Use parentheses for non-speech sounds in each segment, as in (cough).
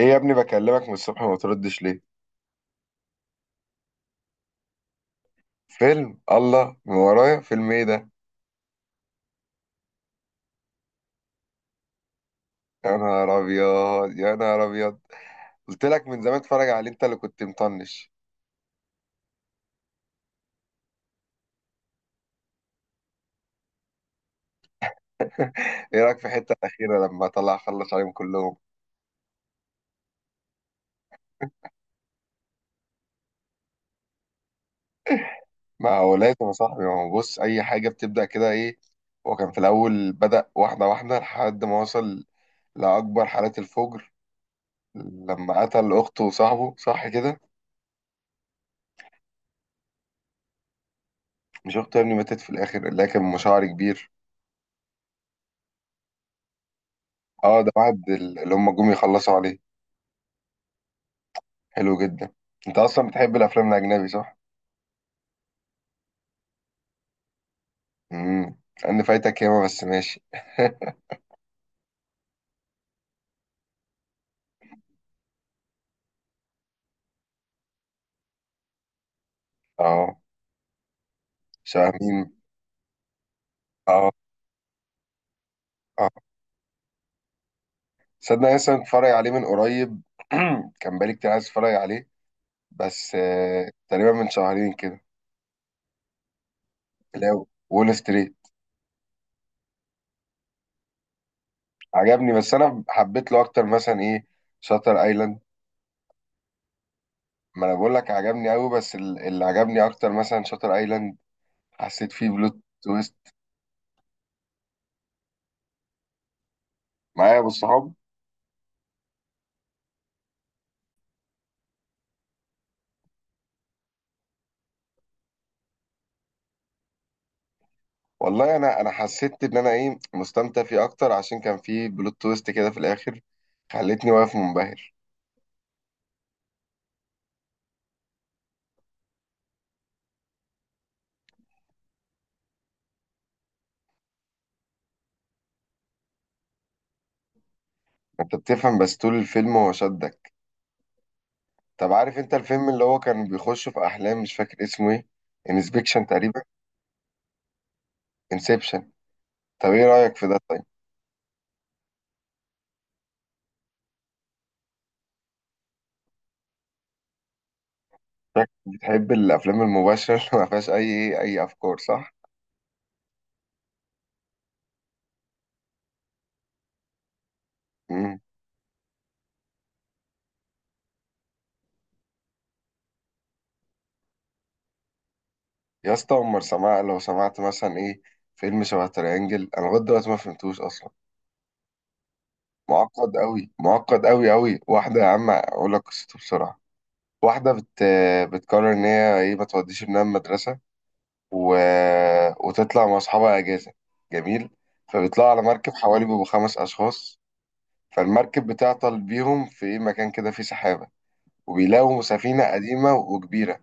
ايه يا ابني؟ بكلمك من الصبح ما بتردش ليه؟ فيلم؟ الله من ورايا، فيلم ايه ده؟ يا نهار ابيض، يا نهار ابيض. قلت لك من زمان اتفرج عليه، انت اللي كنت مطنش. ايه رايك في الحته الاخيره لما طلع خلص عليهم كلهم؟ ما هو لازم يا صاحبي، ما هو بص، اي حاجه بتبدا كده، ايه. هو كان في الاول بدا واحده واحده لحد ما وصل لاكبر حالات الفجر لما قتل اخته وصاحبه، صح كده؟ مش اخته يا ابني، ماتت في الاخر، لكن مشاعر كبير. اه، ده بعد اللي هم جم يخلصوا عليه. حلو جدا. انت اصلا بتحب الافلام الاجنبي، صح؟ امم انا فايتك ياما، بس ماشي. (laughs) اه، شبه مين؟ اه، اه. صدق أنا لسه متفرج عليه من قريب. (clears throat) كان بقالي كتير عايز اتفرج عليه، بس تقريبا من شهرين كده. لا، وول ستريت. عجبني، بس انا حبيت له اكتر مثلا ايه، شاتر ايلاند. ما انا بقول لك عجبني قوي، بس اللي عجبني اكتر مثلا شاتر ايلاند، حسيت فيه بلوت تويست معايا بالصحاب. والله انا حسيت ان انا ايه، مستمتع فيه اكتر عشان كان فيه بلوت تويست كده في الاخر، خلتني واقف منبهر. انت بتفهم، بس طول الفيلم هو شدك. طب عارف انت الفيلم اللي هو كان بيخش في احلام، مش فاكر اسمه ايه، انسبكشن تقريبا؟ انسبشن. طب ايه رايك في ده طيب؟ شكلك بتحب الافلام المباشره اللي ما فيهاش اي إيه، اي افكار، صح؟ امم. يا اسطى عمر سماع، لو سمعت مثلا ايه، فيلم شبه تريانجل، انا لغايه دلوقتي ما فهمتوش اصلا. معقد قوي، معقد قوي قوي. واحده، يا عم اقول لك قصته بسرعه. واحدة بت... بتقرر إن هي إيه، ما توديش ابنها المدرسة و... وتطلع مع أصحابها أجازة. جميل. فبيطلعوا على مركب، حوالي بيبقوا خمس أشخاص. فالمركب بتعطل بيهم في إيه، مكان كده فيه سحابة، وبيلاقوا سفينة قديمة وكبيرة.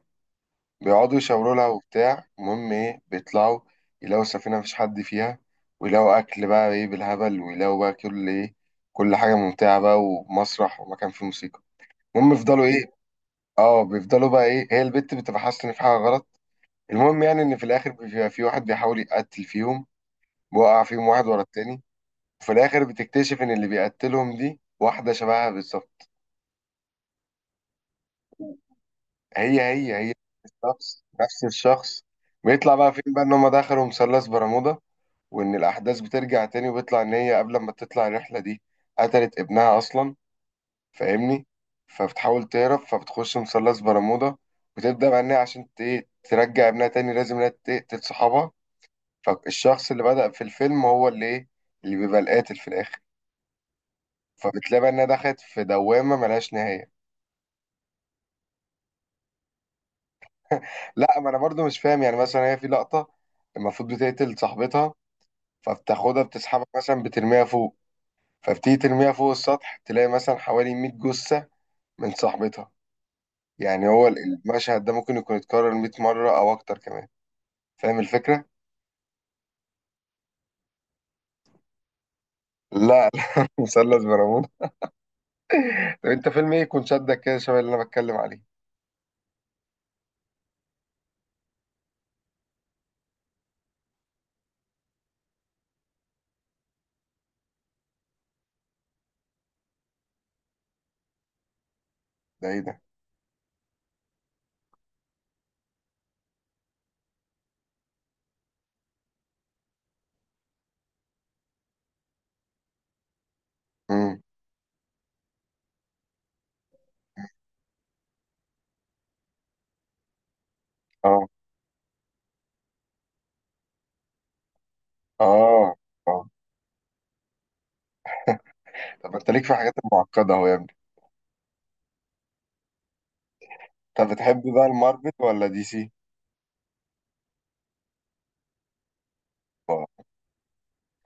بيقعدوا يشاوروا لها وبتاع. المهم إيه، بيطلعوا يلاقوا السفينة مفيش حد فيها، ويلاقوا أكل بقى إيه بالهبل، ويلاقوا بقى كل إيه، كل حاجة ممتعة بقى، ومسرح ومكان فيه موسيقى. المهم يفضلوا إيه. اه، بيفضلوا بقى ايه، هي البت بتبقى حاسه ان في حاجه غلط. المهم يعني ان في الاخر بيبقى في واحد بيحاول يقتل فيهم، بيوقع فيهم واحد ورا التاني. وفي الاخر بتكتشف ان اللي بيقتلهم دي واحده شبهها بالظبط. هي هي هي، الشخص نفس الشخص. بيطلع بقى فين بقى، ان هم دخلوا مثلث برمودا، وان الاحداث بترجع تاني، وبيطلع ان هي قبل ما تطلع الرحله دي قتلت ابنها اصلا، فاهمني؟ فبتحاول تهرب، فبتخش مثلث برمودا، وتبدا بقى ان هي عشان ايه، ترجع ابنها تاني، لازم انها تقتل صحابها. فالشخص اللي بدأ في الفيلم هو اللي ايه، اللي بيبقى القاتل في الآخر. فبتلاقي بقى انها دخلت في دوامة ملهاش نهاية. لا، ما انا برضو مش فاهم. يعني مثلا هي في لقطة المفروض بتقتل صاحبتها، فبتاخدها بتسحبها مثلا بترميها فوق. فبتيجي ترميها فوق السطح، تلاقي مثلا حوالي 100 جثة من صاحبتها. يعني هو المشهد ده ممكن يكون اتكرر 100 مرة او اكتر كمان، فاهم الفكرة؟ لا لا، (laughs) مثلث برامون. طب انت فيلم ايه يكون شدك كده شبه اللي انا بتكلم عليه؟ ده ايه ده؟ امم، اه، اه، آه. طب انت ليك في حاجات معقدة اهو يا ابني. طب بتحب بقى المارفل ولا دي سي؟ اه،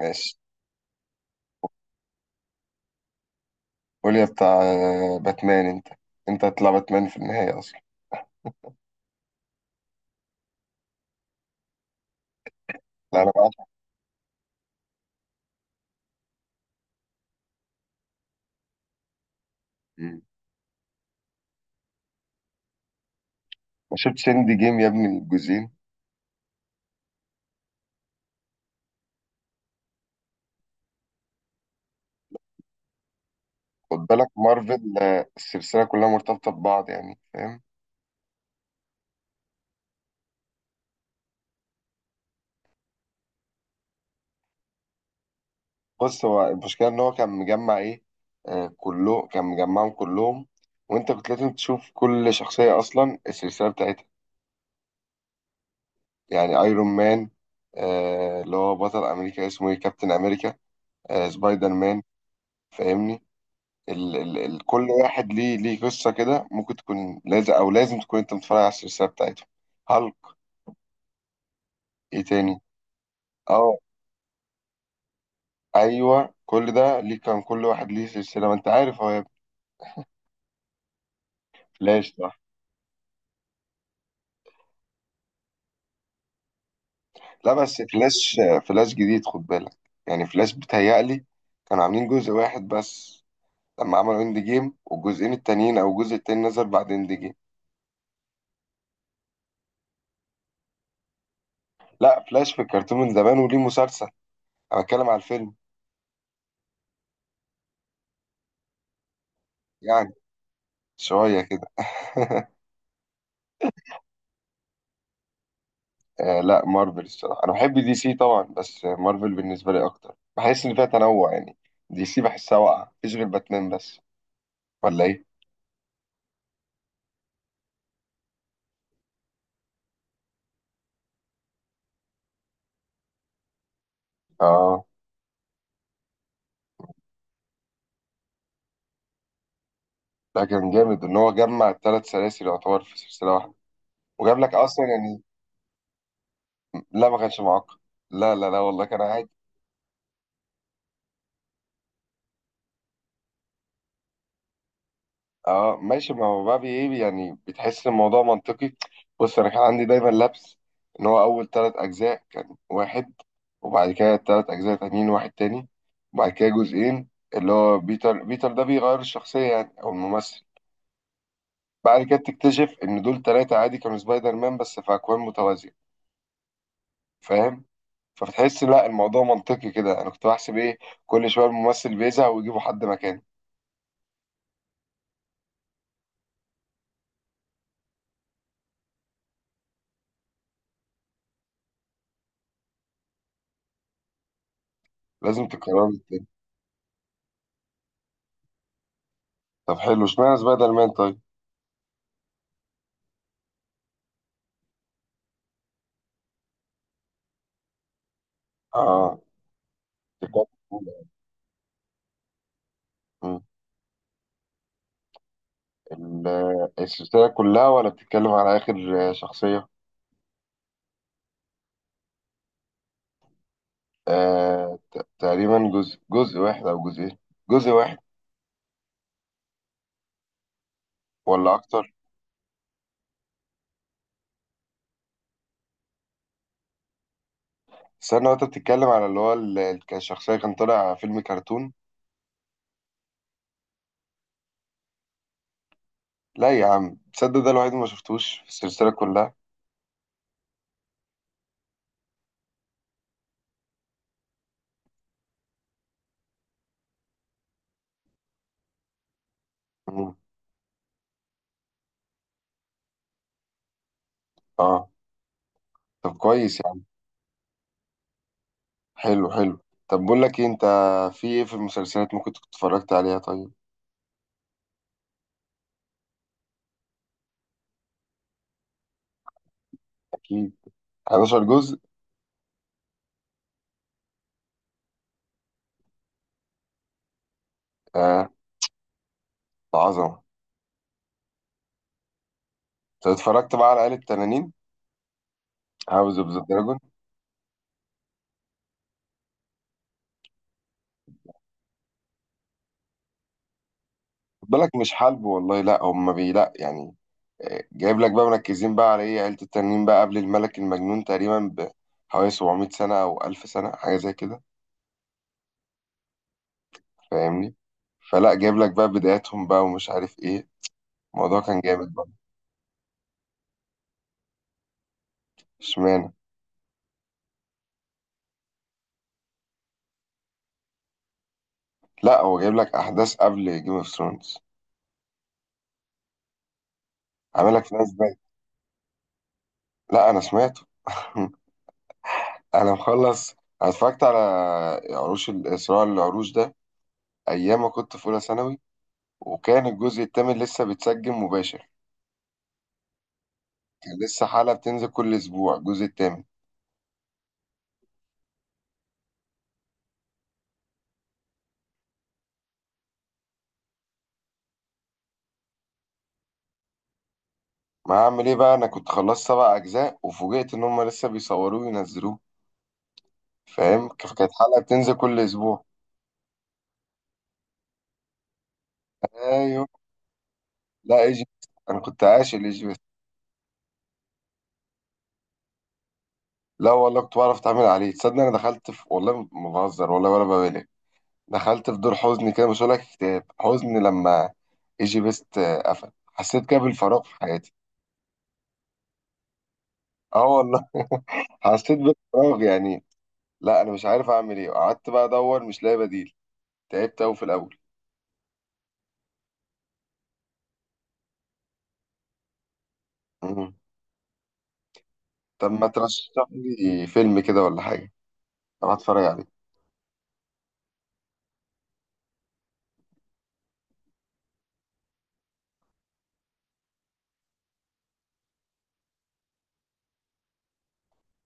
ماشي. قول يا بتاع باتمان انت. انت هتطلع باتمان في النهاية اصلا. لا انا بقى. مم. ما شفتش اند جيم يا ابني، الجزئين. خد بالك مارفل السلسلة كلها مرتبطة ببعض، يعني فاهم. بص هو المشكلة ان هو كان مجمع ايه، آه، كله كان مجمعهم كلهم، وانت كنت لازم تشوف كل شخصية اصلا السلسلة بتاعتها. يعني ايرون مان، آه اللي هو بطل امريكا اسمه ايه، كابتن امريكا، سبايدر مان، فاهمني؟ ال ال ال كل واحد ليه قصة كده، ممكن تكون لازم أو لازم تكون أنت متفرج على السلسلة بتاعتهم. هالك، إيه تاني؟ أه، أيوه كل ده ليه، كان كل واحد ليه سلسلة، ما أنت عارف هو يا ابني. فلاش، صح. لا بس فلاش، فلاش جديد خد بالك. يعني فلاش بيتهيألي كانوا عاملين جزء واحد بس، لما عملوا اند جيم، والجزئين التانيين أو الجزء التاني نزل بعد اند جيم. لا فلاش في الكرتون من زمان وليه مسلسل، أنا بتكلم على الفيلم. يعني شوية كده. (laughs) آه، لا مارفل الصراحة. أنا بحب دي سي طبعا، بس مارفل بالنسبة لي أكتر، بحس إن فيها تنوع يعني. دي سي بحسها واقعة، مفيش غير باتمان بس، ولا إيه؟ آه، لا كان جامد إن هو جمع التلات سلاسل، يعتبر في سلسلة واحدة، وجاب لك أصلا يعني. لا ما كانش معقد. لا لا لا، والله كان. اه ماشي، ما هو بقى ايه يعني، بتحس الموضوع منطقي. بص انا كان عندي دايما لبس ان هو اول ثلاث اجزاء كان واحد، وبعد كده ثلاث اجزاء تانيين واحد تاني، وبعد كده جزئين اللي هو بيتر بيتر ده بيغير الشخصية يعني او الممثل. بعد كده تكتشف ان دول ثلاثة عادي كانوا سبايدر مان بس في اكوان متوازية، فاهم؟ فبتحس لا الموضوع منطقي كده. انا كنت بحسب ايه، كل شوية الممثل بيزهق ويجيبوا حد مكانه. لازم تكرروا التاني. طب حلو، اشمعنى سبايدر مان طيب؟ اه. مم. السلسلة كلها ولا بتتكلم على آخر شخصية؟ آه، تقريبا جزء واحد أو جزئين، جزء واحد ولا أكتر؟ استنى، وأنت بتتكلم على اللي هو كان الشخصية كان طالع فيلم كرتون؟ لا يا عم، تصدق ده الوحيد اللي ما شفتوش في السلسلة كلها؟ مم. آه. طب كويس يا عم. حلو حلو. طب بقول لك إيه أنت، في إيه في المسلسلات ممكن تكون اتفرجت عليها طيب؟ أكيد، 11 جزء. آه، عظمة. طب اتفرجت بقى على آلة تنانين؟ هاوس أوف ذا دراجون؟ خد بالك مش حلب والله، لا هم بي لا يعني، جايب لك بقى مركزين بقى على ايه، عيلة التنين بقى قبل الملك المجنون تقريبا بحوالي 700 سنة أو 1000 سنة حاجة زي كده، فاهمني؟ فلا، جايب لك بقى بداياتهم بقى ومش عارف ايه، الموضوع كان جامد بقى. اشمعنى؟ لا هو جايب لك أحداث قبل جيم اوف ثرونز، عامل لك فلاش باك. لا أنا سمعته. (laughs) أنا مخلص. أنا اتفرجت على صراع العروش ده أيام ما كنت في أولى ثانوي، وكان الجزء الثامن لسه بيتسجل مباشر، كان لسه حلقة بتنزل كل أسبوع الجزء التامن. ما هعمل إيه بقى، أنا كنت خلصت سبع أجزاء وفوجئت إن هما لسه بيصوروه وينزلوه، فاهم؟ كانت حلقة بتنزل كل أسبوع. أيوه. لا إيجيبت، أنا كنت عاشق لإيجيبت. لا والله كنت بعرف أتعامل عليه، تصدق أنا دخلت في، والله ما بهزر والله ولا ببالغ، دخلت في دور حزن كده، مش هقولك اكتئاب، حزن، لما إيجيبت قفل حسيت كده بالفراغ في حياتي. اه والله. (laughs) حسيت بالفراغ يعني. لا أنا مش عارف أعمل إيه، قعدت بقى أدور مش لاقي بديل، تعبت أوي في الأول. مم. طب ما ترشح لي فيلم كده ولا حاجة، أروح أتفرج عليه؟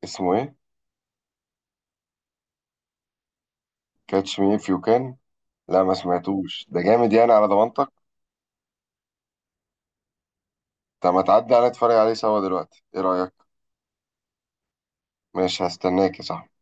اسمه إيه؟ كاتش مي إف يو كان. لا ما سمعتوش، ده جامد يعني على ضمانتك؟ طب ما تعدي عليا أتفرج عليه سوا دلوقتي، إيه رأيك؟ ماشي، هستناك يا صاحبي.